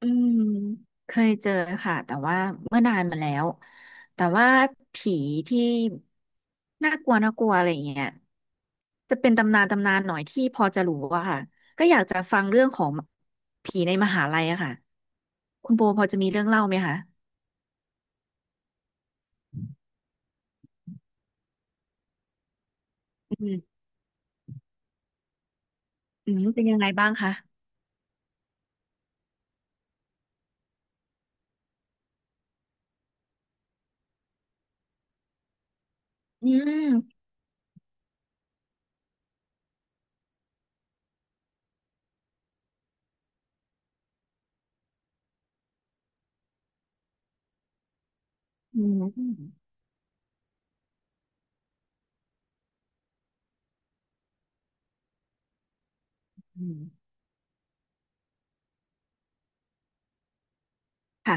อืมเคยเจอค่ะแต่ว่าเมื่อนานมาแล้วแต่ว่าผีที่น่ากลัวน่ากลัวอะไรอย่างเงี้ยจะเป็นตำนานตำนานหน่อยที่พอจะรู้อะค่ะก็อยากจะฟังเรื่องของผีในมหาลัยอะค่ะคุณโบพอจะมีเรื่องเล่าไหมคะอืมอืมเป็นยังไงบ้างคะอืมอืมอืมค่ะ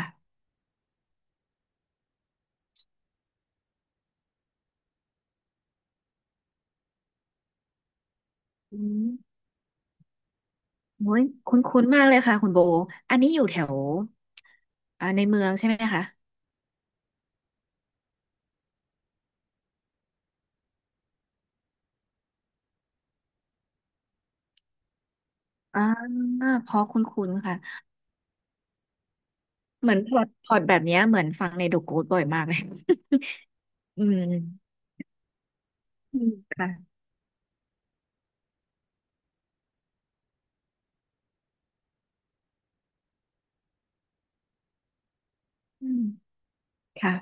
อืมโอ้ยคุ้นๆมากเลยค่ะคุณโบอันนี้อยู่แถวอ่าในเมืองใช่ไหมคะ อ่าเพราะคุ้นๆค่ะเหมือนพอร์ตแบบเนี้ยเหมือนฟังในเดอะโกสต์บ่อยมากเลย อืมอืมค่ะอืมค่ะ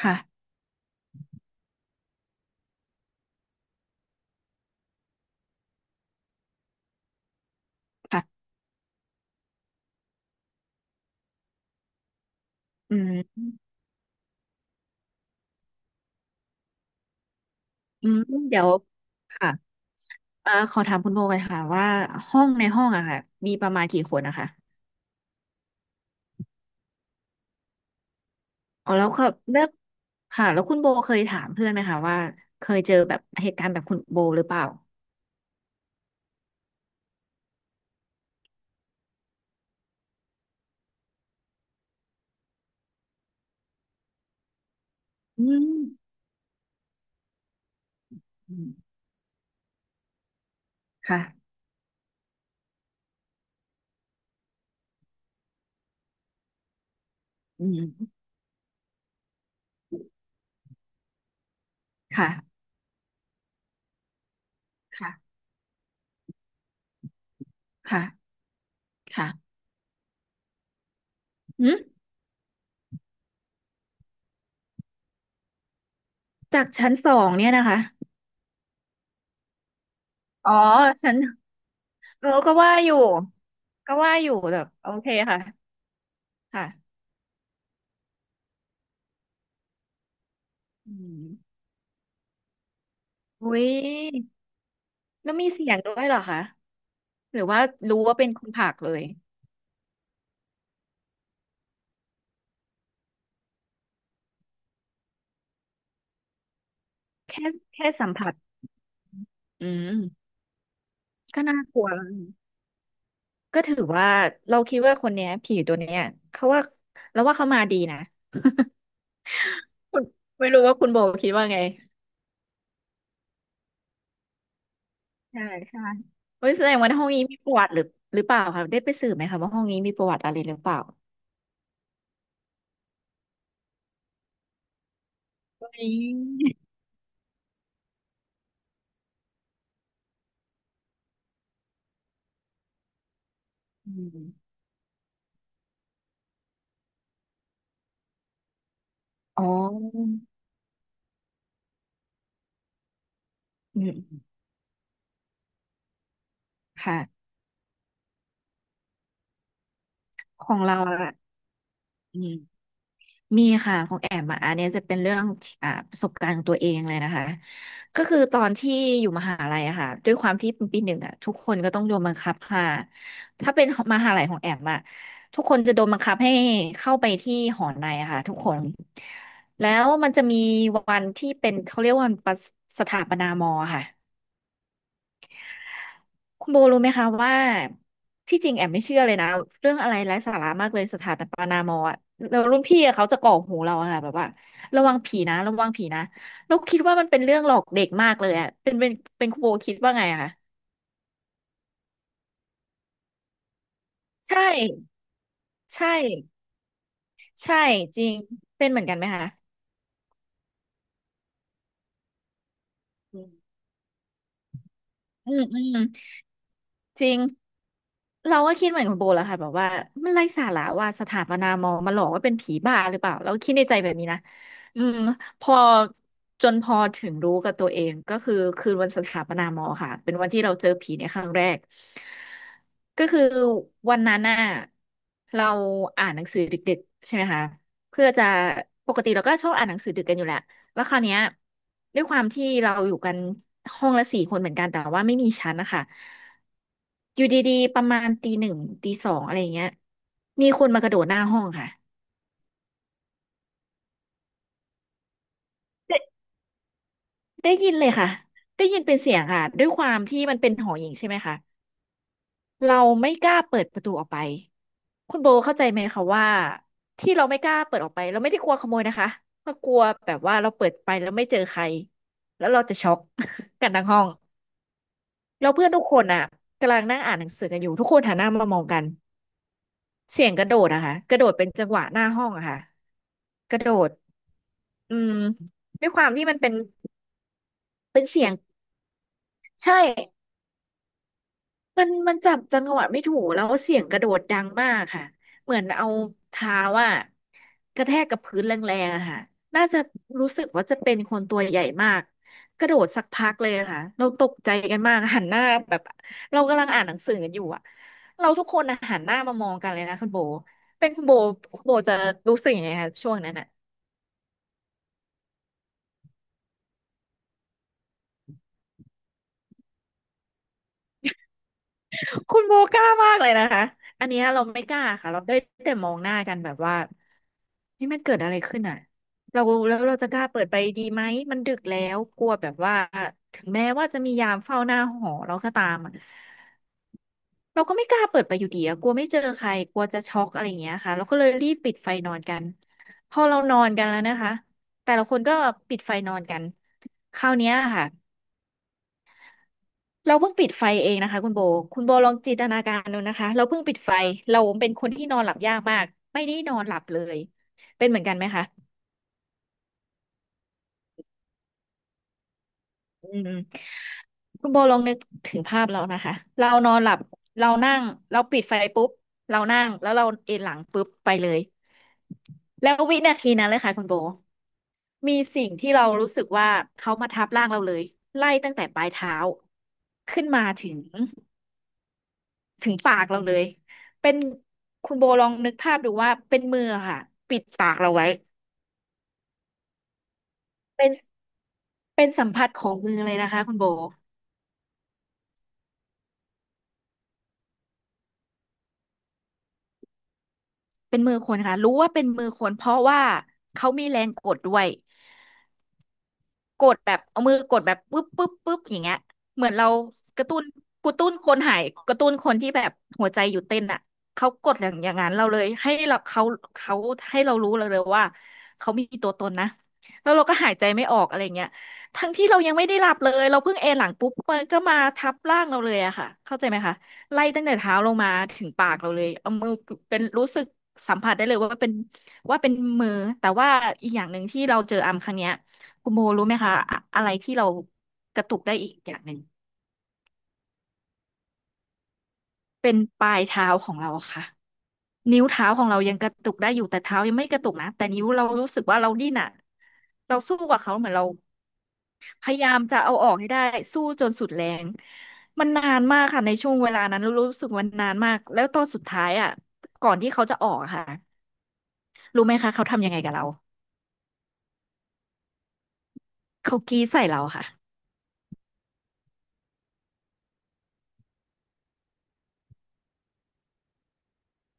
ค่ะค่ะอืมอืมเดี๋ยวค่ะอ่าขอถามคุณโบกันค่ะว่าห้องในห้องอะค่ะมีประมาณกี่คนนะคะอ๋อแล้วก็เลือกค่ะแล้วคุณโบเคยถามเพื่อนไหมคะว่าเคยเจอแบบเหตุการณ์แบบคุณโบหรือเปล่าอืมอืมค่ะอืมค่ะค่ะค่ะค่ะอืม จากชั้นสองเนี่ยนะคะ อ๋อชั้นเออก็ว่าอยู่ ก็ว่าอยู่แบบโอเคค่ะ ค่ะอืมอุ้ยแล้วมีเสียงด้วยเหรอคะ หรือว่ารู้ว่าเป็นคนผากเลยแค่แค่สัมผัส อืม ก็น่ากลัวแล้วนะก็ถือว่าเราคิดว่าคนเนี้ยผีตัวเนี้ยเขาว่าเราว่าเขามาดีนะ คุณไม่รู้ว่าคุณโบคิดว่าไงใช่ใช่เฮ้ยแสดงว่าห้องนี้มีประวัติหรือหรือเปล่าคะได้ไปสืบไหมคะว่าห้องนี้มีประวัติอะไรหรือเปล่า นี่อืมอ๋ออืมค่ะของเราอะอืมมีค่ะของแอมอะอันเนี้ยจะเป็นเรื่องที่อ่าประสบการณ์ของตัวเองเลยนะคะ ก็คือตอนที่อยู่มหาลัยอะค่ะ ด้วยความที่เป็นปีหนึ่งอะทุกคนก็ต้องโดนบังคับค่ะ ถ้าเป็นมหาลัยของแอมอะทุกคนจะโดนบังคับให้เข้าไปที่หอในอะค่ะทุกคน แล้วมันจะมีวันที่เป็นเขาเรียกว่าวันประสถาปนามอค่ะ คุณโบรู้ไหมคะว่าที่จริงแอมไม่เชื่อเลยนะเรื่องอะไรไร้สาระมากเลยสถานปานามออะแล้วรุ่นพี่อะเขาจะก่อหูเราอะค่ะแบบว่าระวังผีนะระวังผีนะเราคิดว่ามันเป็นเรื่องหลอกเด็กมากเลยอะเป็นคุณโบคิดว่าไงอะคะใช่ใช่ใช่จริงเป็นเหมือนกันไหมคะอืมอืม จริงเราก็คิดเหมือนคุณโบแหละค่ะแบบว่ามันไร้สาระว่าสถาปนามอมาหลอกว่าเป็นผีบ้าหรือเปล่าเราคิดในใจแบบนี้นะอืมพอจนพอถึงรู้กับตัวเองก็คือคืนวันสถาปนามอค่ะเป็นวันที่เราเจอผีในครั้งแรกก็คือวันนั้นน่ะเราอ่านหนังสือดึกๆใช่ไหมคะเพื่อจะปกติเราก็ชอบอ่านหนังสือดึกกันอยู่แหละ แล้วคราวเนี้ยด้วยความที่เราอยู่กันห้องละสี่คนเหมือนกันแต่ว่าไม่มีชั้นนะคะอยู่ดีๆประมาณตีหนึ่งตีสองอะไรอย่างเงี้ยมีคนมากระโดดหน้าห้องค่ะได้ได้ยินเลยค่ะได้ยินเป็นเสียงค่ะด้วยความที่มันเป็นหอหญิงใช่ไหมคะเราไม่กล้าเปิดประตูออกไปคุณโบเข้าใจไหมคะว่าที่เราไม่กล้าเปิดออกไปเราไม่ได้กลัวขโมยนะคะเรากลัวแบบว่าเราเปิดไปแล้วไม่เจอใครแล้วเราจะช็อก กันทั้งห้อง แล้วเพื่อนทุกคนอ่ะกำลังนั่งอ่านหนังสือกันอยู่ทุกคนหันหน้ามามองกันเสียงกระโดดอะค่ะกระโดดเป็นจังหวะหน้าห้องอะค่ะกระโดดอืมด้วยความที่มันเป็นเป็นเสียงใช่ มันจับจังหวะไม่ถูกแล้วเสียงกระโดดดังมากค่ะเหมือนเอาเท้าอ่ะกระแทกกับพื้นแรงๆอะค่ะน่าจะรู้สึกว่าจะเป็นคนตัวใหญ่มากกระโดดสักพักเลยอะค่ะเราตกใจกันมากหันหน้าแบบเรากำลังอ่านหนังสือกันอยู่อ่ะเราทุกคนอะหันหน้ามามองกันเลยนะคุณโบเป็นคุณโบคุณโบจะรู้สึกยังไงคะช่วงนั้นอ่ะคุณโบกล้ามากเลยนะคะอันเนี้ยเราไม่กล้าค่ะเราได้แต่มองหน้ากันแบบว่า นี่มันเกิดอะไรขึ้นอ่ะเราแล้วเราจะกล้าเปิดไปดีไหมมันดึกแล้วกลัวแบบว่าถึงแม้ว่าจะมียามเฝ้าหน้าหอเราก็ตามอะเราก็ไม่กล้าเปิดไปอยู่ดีอะกลัวไม่เจอใครกลัวจะช็อกอะไรอย่างเงี้ยค่ะเราก็เลยรีบปิดไฟนอนกันพอเรานอนกันแล้วนะคะแต่ละคนก็ปิดไฟนอนกันคราวเนี้ยค่ะเราเพิ่งปิดไฟเองนะคะคุณโบคุณโบลองจินตนาการดูนะคะเราเพิ่งปิดไฟเราเป็นคนที่นอนหลับยากมากไม่ได้นอนหลับเลยเป็นเหมือนกันไหมคะ อืมคุณโบลองนึกถึงภาพเรานะคะเรานอนหลับเรานั่งเราปิดไฟปุ๊บเรานั่งแล้วเราเอนหลังปุ๊บไปเลยแล้ววินาทีนั้นเลยค่ะคุณโบมีสิ่งที่เรารู้สึกว่าเขามาทับร่างเราเลยไล่ตั้งแต่ปลายเท้าขึ้นมาถึงปากเราเลยเป็นคุณโบลองนึกภาพดูว่าเป็นมือค่ะปิดปากเราไว้เป็นสัมผัสของมือเลยนะคะคุณโบ เป็นมือคนค่ะรู้ว่าเป็นมือคนเพราะว่าเขามีแรงกดด้วย กดแบบเอามือกดแบบปึ๊บปึ๊บปึ๊บอย่างเงี้ยเหมือนเรากระตุ้นคนหายกระตุ้นคนที่แบบหัวใจหยุดเต้นอ่ะเขากดอย่างนั้นเราเลยให้เราเขาเขาให้เรารู้เเลยว่าเขามีตัวตนนะแล้วเราก็หายใจไม่ออกอะไรเงี้ยทั้งที่เรายังไม่ได้หลับเลยเราเพิ่งเอนหลังปุ๊บมันก็มาทับร่างเราเลยอะค่ะเข้าใจไหมคะไล่ตั้งแต่เท้าลงมาถึงปากเราเลยเอามือเป็นรู้สึกสัมผัสได้เลยว่าเป็นว่าเป็นมือแต่ว่าอีกอย่างหนึ่งที่เราเจออัมครั้งเนี้ย คุณโมรู้ไหมคะอะไรที่เรากระตุกได้อีกอย่างหนึ่งเป็นปลายเท้าของเราค่ะนิ้วเท้าของเรายังกระตุกได้อยู่แต่เท้ายังไม่กระตุกนะแต่นิ้วเรารู้สึกว่าเราดิ้นอะเราสู้กับเขาเหมือนเราพยายามจะเอาออกให้ได้สู้จนสุดแรงมันนานมากค่ะในช่วงเวลานั้นรู้สึกมันนานมากแล้วตอนสุดท้ายอะก่อนที่เขาจะออกอะค่ะรู้ไหมคะเขาทำยังไงกับเราเขากรีดใส่เราค่ะ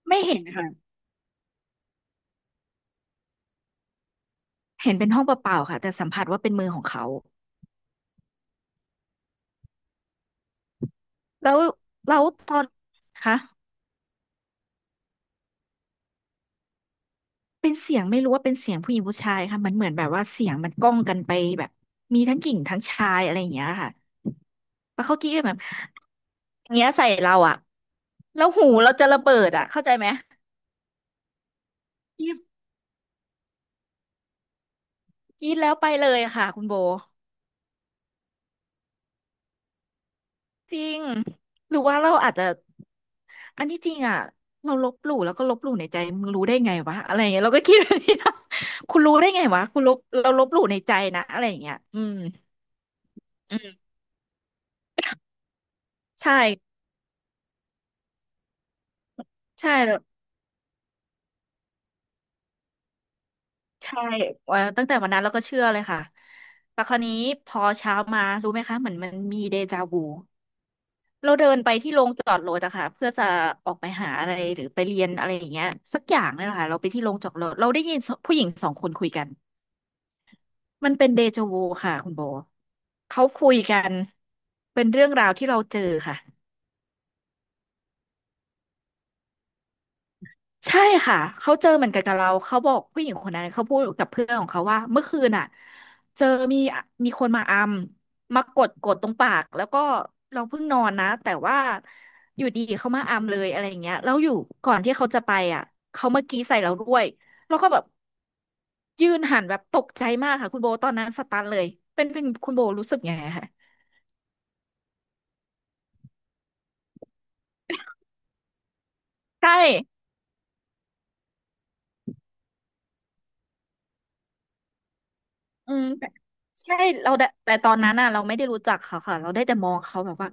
ไม่เห็นค่ะเห็นเป็นห้องเปล่าๆค่ะแต่สัมผัสว่าเป็นมือของเขา แล้วตอนคะเป็นเสียงไม่รู้ว่าเป็นเสียงผู้หญิงผู้ชายค่ะมันเหมือนแบบว่าเสียงมันก้องกันไปแบบมีทั้งหญิงทั้งชายอะไรอย่างเงี้ยค่ะแล้วเขากรี้กแบบอย่างเงี้ยใส่เราอ่ะแล้วหูเราจะระเบิดอ่ะเข้าใจไหมกรีดแล้วไปเลยค่ะคุณโบจริงหรือว่าเราอาจจะอันที่จริงอ่ะเราลบหลู่แล้วก็ลบหลู่ในใจมึงรู้ได้ไงวะอะไรอย่างเงี้ยเราก็คิดแบบนี้นะคุณรู้ได้ไงวะคุณลบเราลบหลู่ในใจนะอะไรอย่างเงี้ยอืมอืมใช่ ใช่ใช่ตั้งแต่วันนั้นเราก็เชื่อเลยค่ะ แต่คราวนี้พอเช้ามารู้ไหมคะเหมือนมันมีเดจาวูเราเดินไปที่โรงจอดรถอะค่ะเพื่อจะออกไปหาอะไรหรือไปเรียนอะไรอย่างเงี้ยสักอย่างนี่แหละค่ะเราไปที่โรงจอดรถเราได้ยินผู้หญิงสองคนคุยกันมันเป็นเดจาวูค่ะคุณโบเขาคุยกันเป็นเรื่องราวที่เราเจอค่ะ ใช่ค่ะเขาเจอเหมือนกันกับเราเขาบอกผู้หญิงคนนั้นเขาพูดกับเพื่อนของเขาว่าเมื่อคืนอ่ะเจอมีคนมาอัมมากดตรงปากแล้วก็เราเพิ่งนอนนะแต่ว่าอยู่ดีเขามาอัมเลยอะไรอย่างเงี้ยแล้วอยู่ก่อนที่เขาจะไปอ่ะเขามากรี้ใส่เราด้วยแล้วก็แบบยืนหันแบบตกใจมากค่ะคุณโบตอนนั้นสตันเลยเป็นคุณโบรู้สึกยังไงคะใช่ อืมแต่ใช่เราได้แต่ตอนนั้นน่ะเราไม่ได้รู้จักเขาค่ะเราได้แต่มองเขาแบบว่า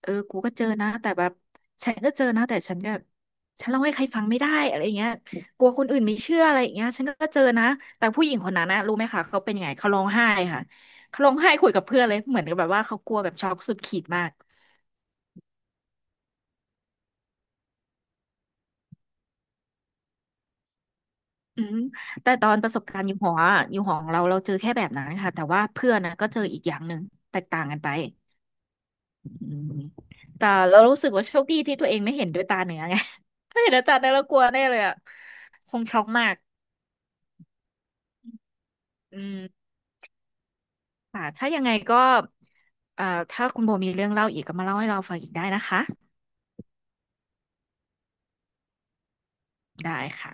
เออกูก็เจอนะแต่แบบฉันก็เจอนะแต่ฉันก็ฉันเล่าให้ใครฟังไม่ได้อะไรอย่างเงี้ยกลัวคนอื่นไม่เชื่ออะไรอย่างเงี้ยฉันก็เจอนะแต่ผู้หญิงคนนั้นนะรู้ไหมคะเขาเป็นยังไงเขาร้องไห้ค่ะเขาร้องไห้คุยกับเพื่อนเลยเหมือนกับแบบว่าเขากลัวแบบช็อกสุดขีดมากอืมแต่ตอนประสบการณ์อยู่หออะอยู่หอของเราเราเจอแค่แบบนั้นค่ะแต่ว่าเพื่อนนะก็เจออีกอย่างหนึ่งแตกต่างกันไป อืมแต่เรารู้สึกว่าโชคดีที่ตัวเองไม่เห็นด้วยตาเนื้อไง ถ้าเห็นด้วยตาเนื้อเรากลัวแน่เลยอ่ะคงช็อกมากอืมค่ะถ้ายังไงก็เอ่อถ้าคุณโบมีเรื่องเล่าอีกก็มาเล่าให้เราฟังอีกได้นะคะได้ค่ะ